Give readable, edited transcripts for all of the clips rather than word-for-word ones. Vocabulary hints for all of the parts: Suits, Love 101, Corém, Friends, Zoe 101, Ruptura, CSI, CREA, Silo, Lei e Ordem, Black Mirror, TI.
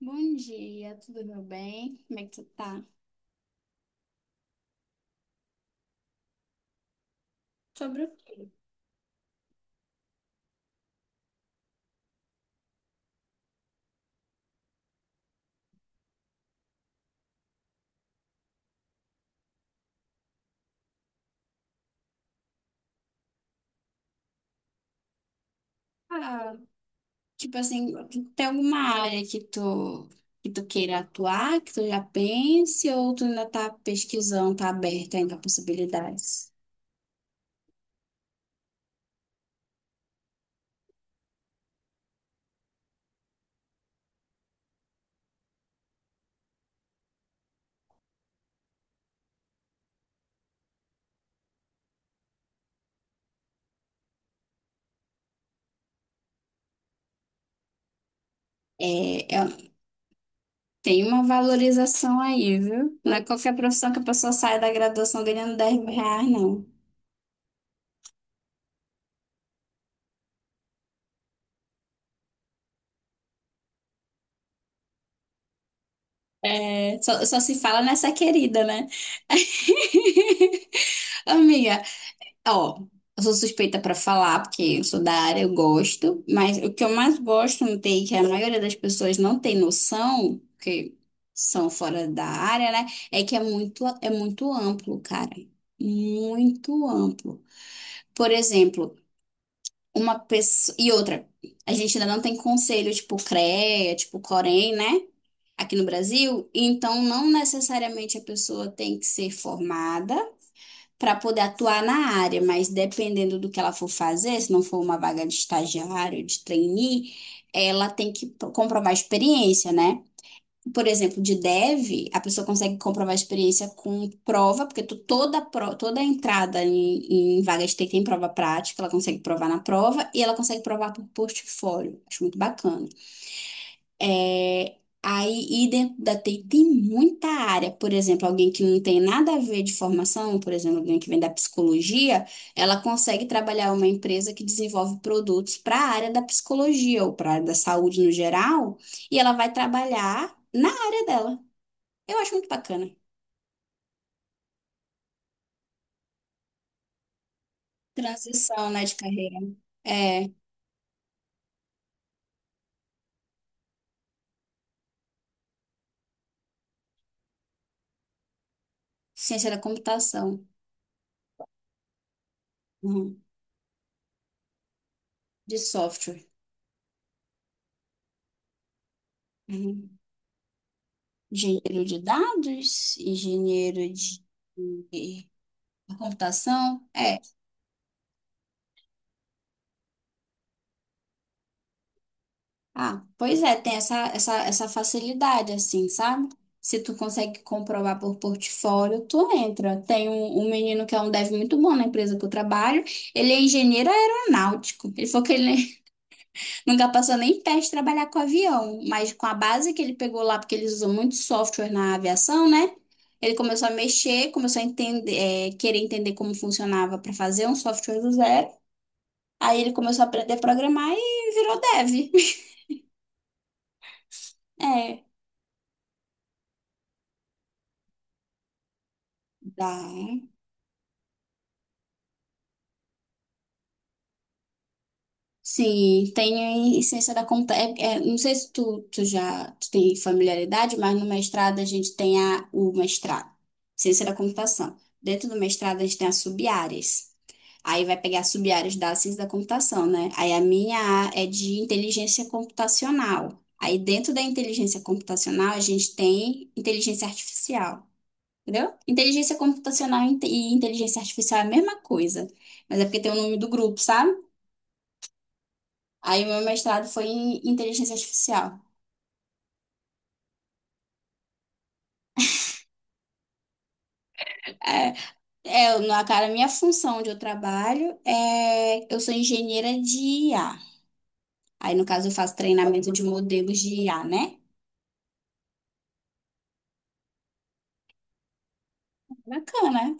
Bom dia, tudo meu bem? Como é que tu tá? Sobre o quê? Ah, tipo assim, tem alguma área que tu queira atuar, que tu já pense, ou tu ainda tá pesquisando, tá aberta ainda a possibilidades? É, tem uma valorização aí, viu? Não é qualquer profissão que a pessoa sai da graduação ganhando 10 mil reais, não. É, só se fala nessa, querida, né? Amiga, ó, eu sou suspeita pra falar, porque eu sou da área, eu gosto, mas o que eu mais gosto no TI, que a maioria das pessoas não tem noção, porque são fora da área, né? É que é muito amplo, cara. Muito amplo. Por exemplo, uma pessoa. E outra, a gente ainda não tem conselho tipo CREA, tipo Corém, né? Aqui no Brasil, então não necessariamente a pessoa tem que ser formada para poder atuar na área, mas dependendo do que ela for fazer, se não for uma vaga de estagiário, de trainee, ela tem que comprovar experiência, né? Por exemplo, de dev, a pessoa consegue comprovar experiência com prova, porque toda entrada em vaga de TI tem prova prática, ela consegue provar na prova e ela consegue provar por portfólio. Acho muito bacana. É, aí, e dentro da TI tem muita área. Por exemplo, alguém que não tem nada a ver de formação, por exemplo, alguém que vem da psicologia, ela consegue trabalhar em uma empresa que desenvolve produtos para a área da psicologia ou para a área da saúde no geral, e ela vai trabalhar na área dela. Eu acho muito bacana. Transição, né, de carreira. É, ciência da computação. Uhum, de software. Uhum. Engenheiro de dados, engenheiro de... A computação? É. Ah, pois é, tem essa facilidade, assim, sabe? Se tu consegue comprovar por portfólio, tu entra. Tem um menino que é um dev muito bom na empresa que eu trabalho. Ele é engenheiro aeronáutico. Ele falou que ele nunca passou nem perto de trabalhar com avião, mas com a base que ele pegou lá, porque eles usam muito software na aviação, né? Ele começou a mexer, começou a entender, é, querer entender como funcionava para fazer um software do zero. Aí ele começou a aprender a programar e virou dev. É, dá. Sim, tem a essência da conta. Não sei se tu tem familiaridade, mas no mestrado a gente tem o mestrado, ciência da computação. Dentro do mestrado a gente tem as sub-áreas. Aí vai pegar as sub-áreas da ciência da computação, né? Aí a minha é de inteligência computacional. Aí dentro da inteligência computacional a gente tem inteligência artificial. Entendeu? Inteligência computacional e inteligência artificial é a mesma coisa, mas é porque tem o nome do grupo, sabe? Aí o meu mestrado foi em inteligência artificial. É, Na cara, a minha função onde eu trabalho é, eu sou engenheira de IA. Aí, no caso, eu faço treinamento de modelos de IA, né? Bacana.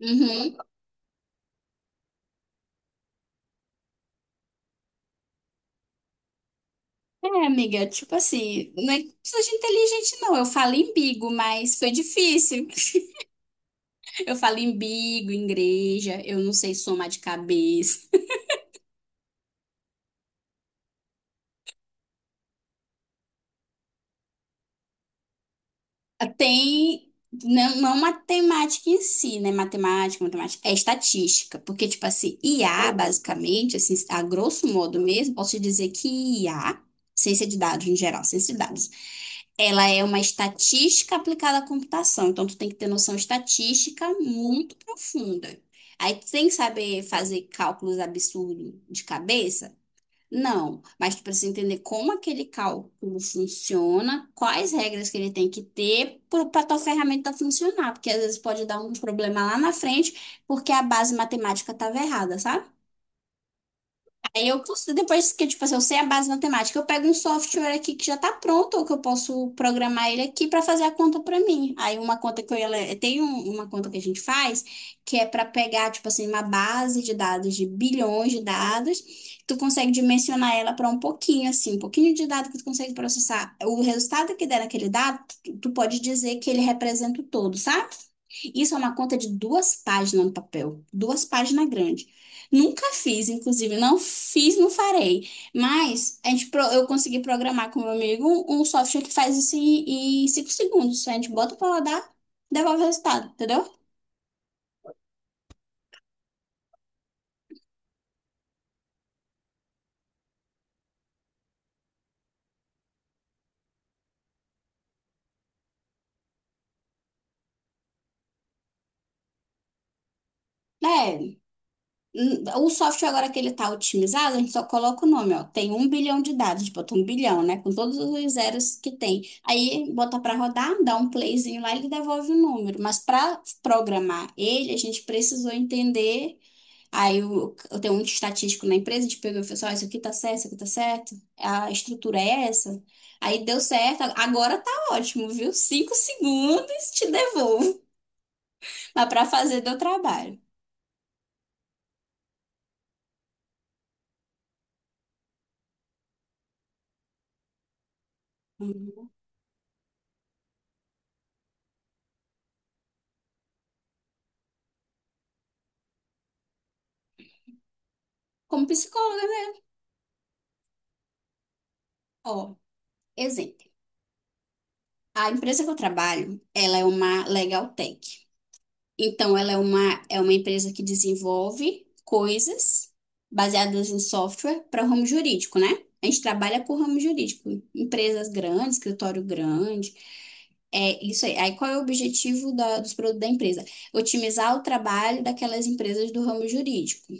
Uhum. É, amiga, tipo assim, não é que precisa de inteligente, não. Eu falo embigo, mas foi difícil. Eu falo embigo, igreja, eu não sei somar de cabeça. Tem, não, não matemática em si, né? Matemática, matemática, é estatística. Porque, tipo assim, IA, basicamente, assim, a grosso modo mesmo, posso te dizer que IA, ciência de dados em geral, ciência de dados, ela é uma estatística aplicada à computação. Então, tu tem que ter noção estatística muito profunda. Aí, tu tem que saber fazer cálculos absurdos de cabeça, não, mas tu precisa entender como aquele cálculo funciona, quais regras que ele tem que ter para tua ferramenta funcionar, porque às vezes pode dar um problema lá na frente, porque a base matemática estava errada, sabe? Aí eu consigo, depois que, tipo assim, eu sei a base matemática, eu pego um software aqui que já tá pronto, ou que eu posso programar ele aqui para fazer a conta para mim. Aí uma conta que eu ia tem uma conta que a gente faz, que é para pegar, tipo assim, uma base de dados de bilhões de dados, tu consegue dimensionar ela para um pouquinho assim, um pouquinho de dado que tu consegue processar. O resultado que der naquele dado, tu, tu pode dizer que ele representa o todo, sabe? Isso é uma conta de duas páginas no papel, duas páginas grandes. Nunca fiz, inclusive, não fiz, não farei. Mas a gente, eu consegui programar com meu amigo um software que faz isso em 5 segundos. A gente bota pra rodar, devolve o resultado, entendeu? É, o software agora que ele tá otimizado, a gente só coloca o nome, ó. Tem um bilhão de dados, a gente bota um bilhão, né? Com todos os zeros que tem. Aí bota pra rodar, dá um playzinho lá, ele devolve o número. Mas pra programar ele, a gente precisou entender. Aí eu tenho um estatístico na empresa, a gente pegou e falou assim, ó, isso aqui tá certo, isso aqui tá certo, a estrutura é essa. Aí deu certo, agora tá ótimo, viu? 5 segundos, te devolvo. Mas pra fazer deu trabalho. Uhum. Como psicóloga, né? Ó, exemplo. A empresa que eu trabalho, ela é uma legal tech. Então, ela é é uma empresa que desenvolve coisas baseadas em software para o ramo jurídico, né? A gente trabalha com o ramo jurídico, empresas grandes, escritório grande. É isso aí. Aí, qual é o objetivo dos produtos da empresa? Otimizar o trabalho daquelas empresas do ramo jurídico.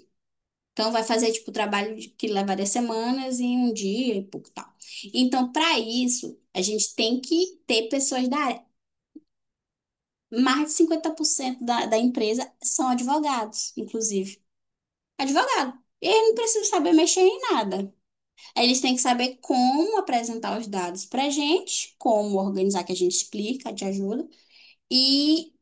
Então, vai fazer, tipo, o trabalho que levaria semanas em um dia e pouco tal. Então, para isso, a gente tem que ter pessoas da área. Mais de 50% da empresa são advogados, inclusive. Advogado. E eles não precisam saber mexer em nada. Eles têm que saber como apresentar os dados para gente, como organizar, que a gente explica, te ajuda. E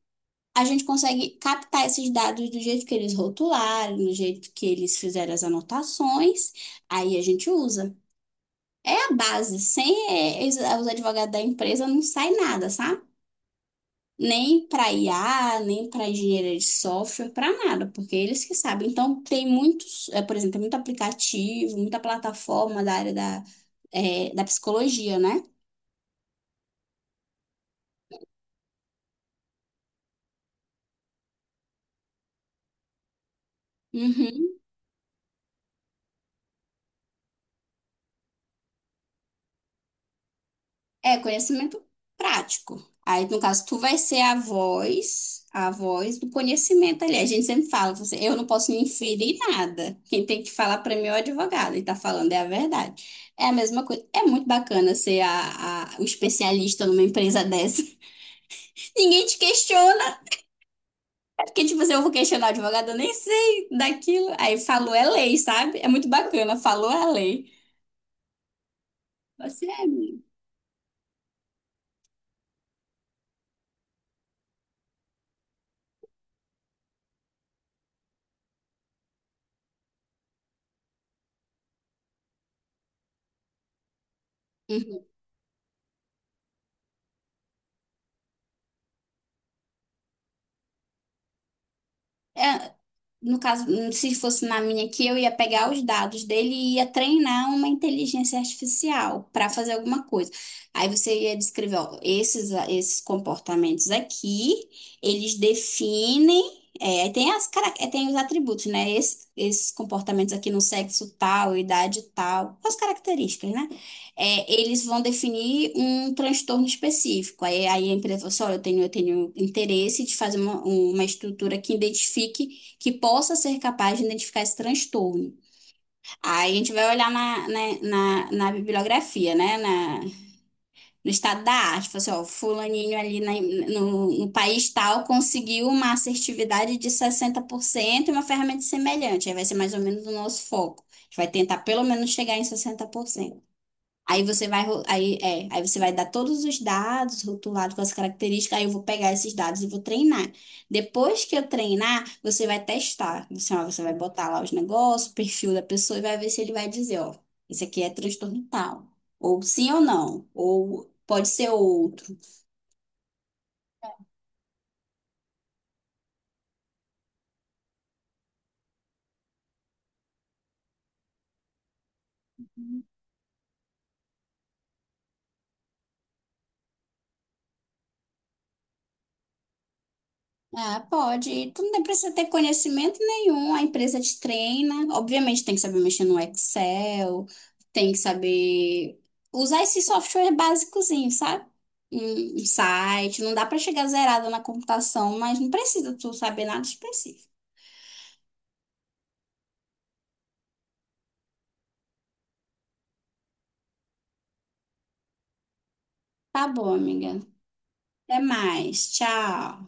a gente consegue captar esses dados do jeito que eles rotularam, do jeito que eles fizeram as anotações. Aí a gente usa. É a base. Sem eh, Os advogados da empresa não sai nada, sabe? Nem para IA, nem para engenharia de software, para nada, porque eles que sabem. Então, tem muitos, por exemplo, tem muito aplicativo, muita plataforma da área da psicologia, né? Uhum. É conhecimento prático. Aí, no caso, tu vai ser a voz do conhecimento ali. A gente sempre fala, você, eu não posso me inferir nada. Quem tem que falar para mim é o advogado, e tá falando é a verdade. É a mesma coisa. É muito bacana ser o especialista numa empresa dessa. Ninguém te questiona. É. Porque, tipo, se eu vou questionar o advogado, eu nem sei daquilo. Aí falou é lei, sabe? É muito bacana. Falou é lei. Você é. Uhum. É, no caso, se fosse na minha aqui, eu ia pegar os dados dele e ia treinar uma inteligência artificial para fazer alguma coisa. Aí você ia descrever, ó, esses comportamentos aqui, eles definem, é, aí tem as, cara- é, tem os atributos, né? Esses comportamentos aqui no sexo tal, idade tal, as características, né? É, eles vão definir um transtorno específico. Aí, aí a empresa fala assim, olha, eu tenho interesse de fazer uma estrutura que identifique, que possa ser capaz de identificar esse transtorno. Aí a gente vai olhar na bibliografia, né? No estado da arte, fala assim, ó, fulaninho ali no país tal conseguiu uma assertividade de 60% e uma ferramenta semelhante. Aí vai ser mais ou menos o nosso foco. A gente vai tentar pelo menos chegar em 60%. Aí você vai, aí você vai dar todos os dados rotulados com as características, aí eu vou pegar esses dados e vou treinar. Depois que eu treinar, você vai testar. Você, ó, você vai botar lá os negócios, o perfil da pessoa e vai ver se ele vai dizer, ó, isso aqui é transtorno tal. Ou sim ou não. Ou pode ser outro. Ah, pode. E tu não precisa ter conhecimento nenhum, a empresa te treina. Obviamente, tem que saber mexer no Excel, tem que saber usar esse software básicozinho, sabe? Um site, não dá pra chegar zerada na computação, mas não precisa tu saber nada específico. Tá bom, amiga. Até mais. Tchau.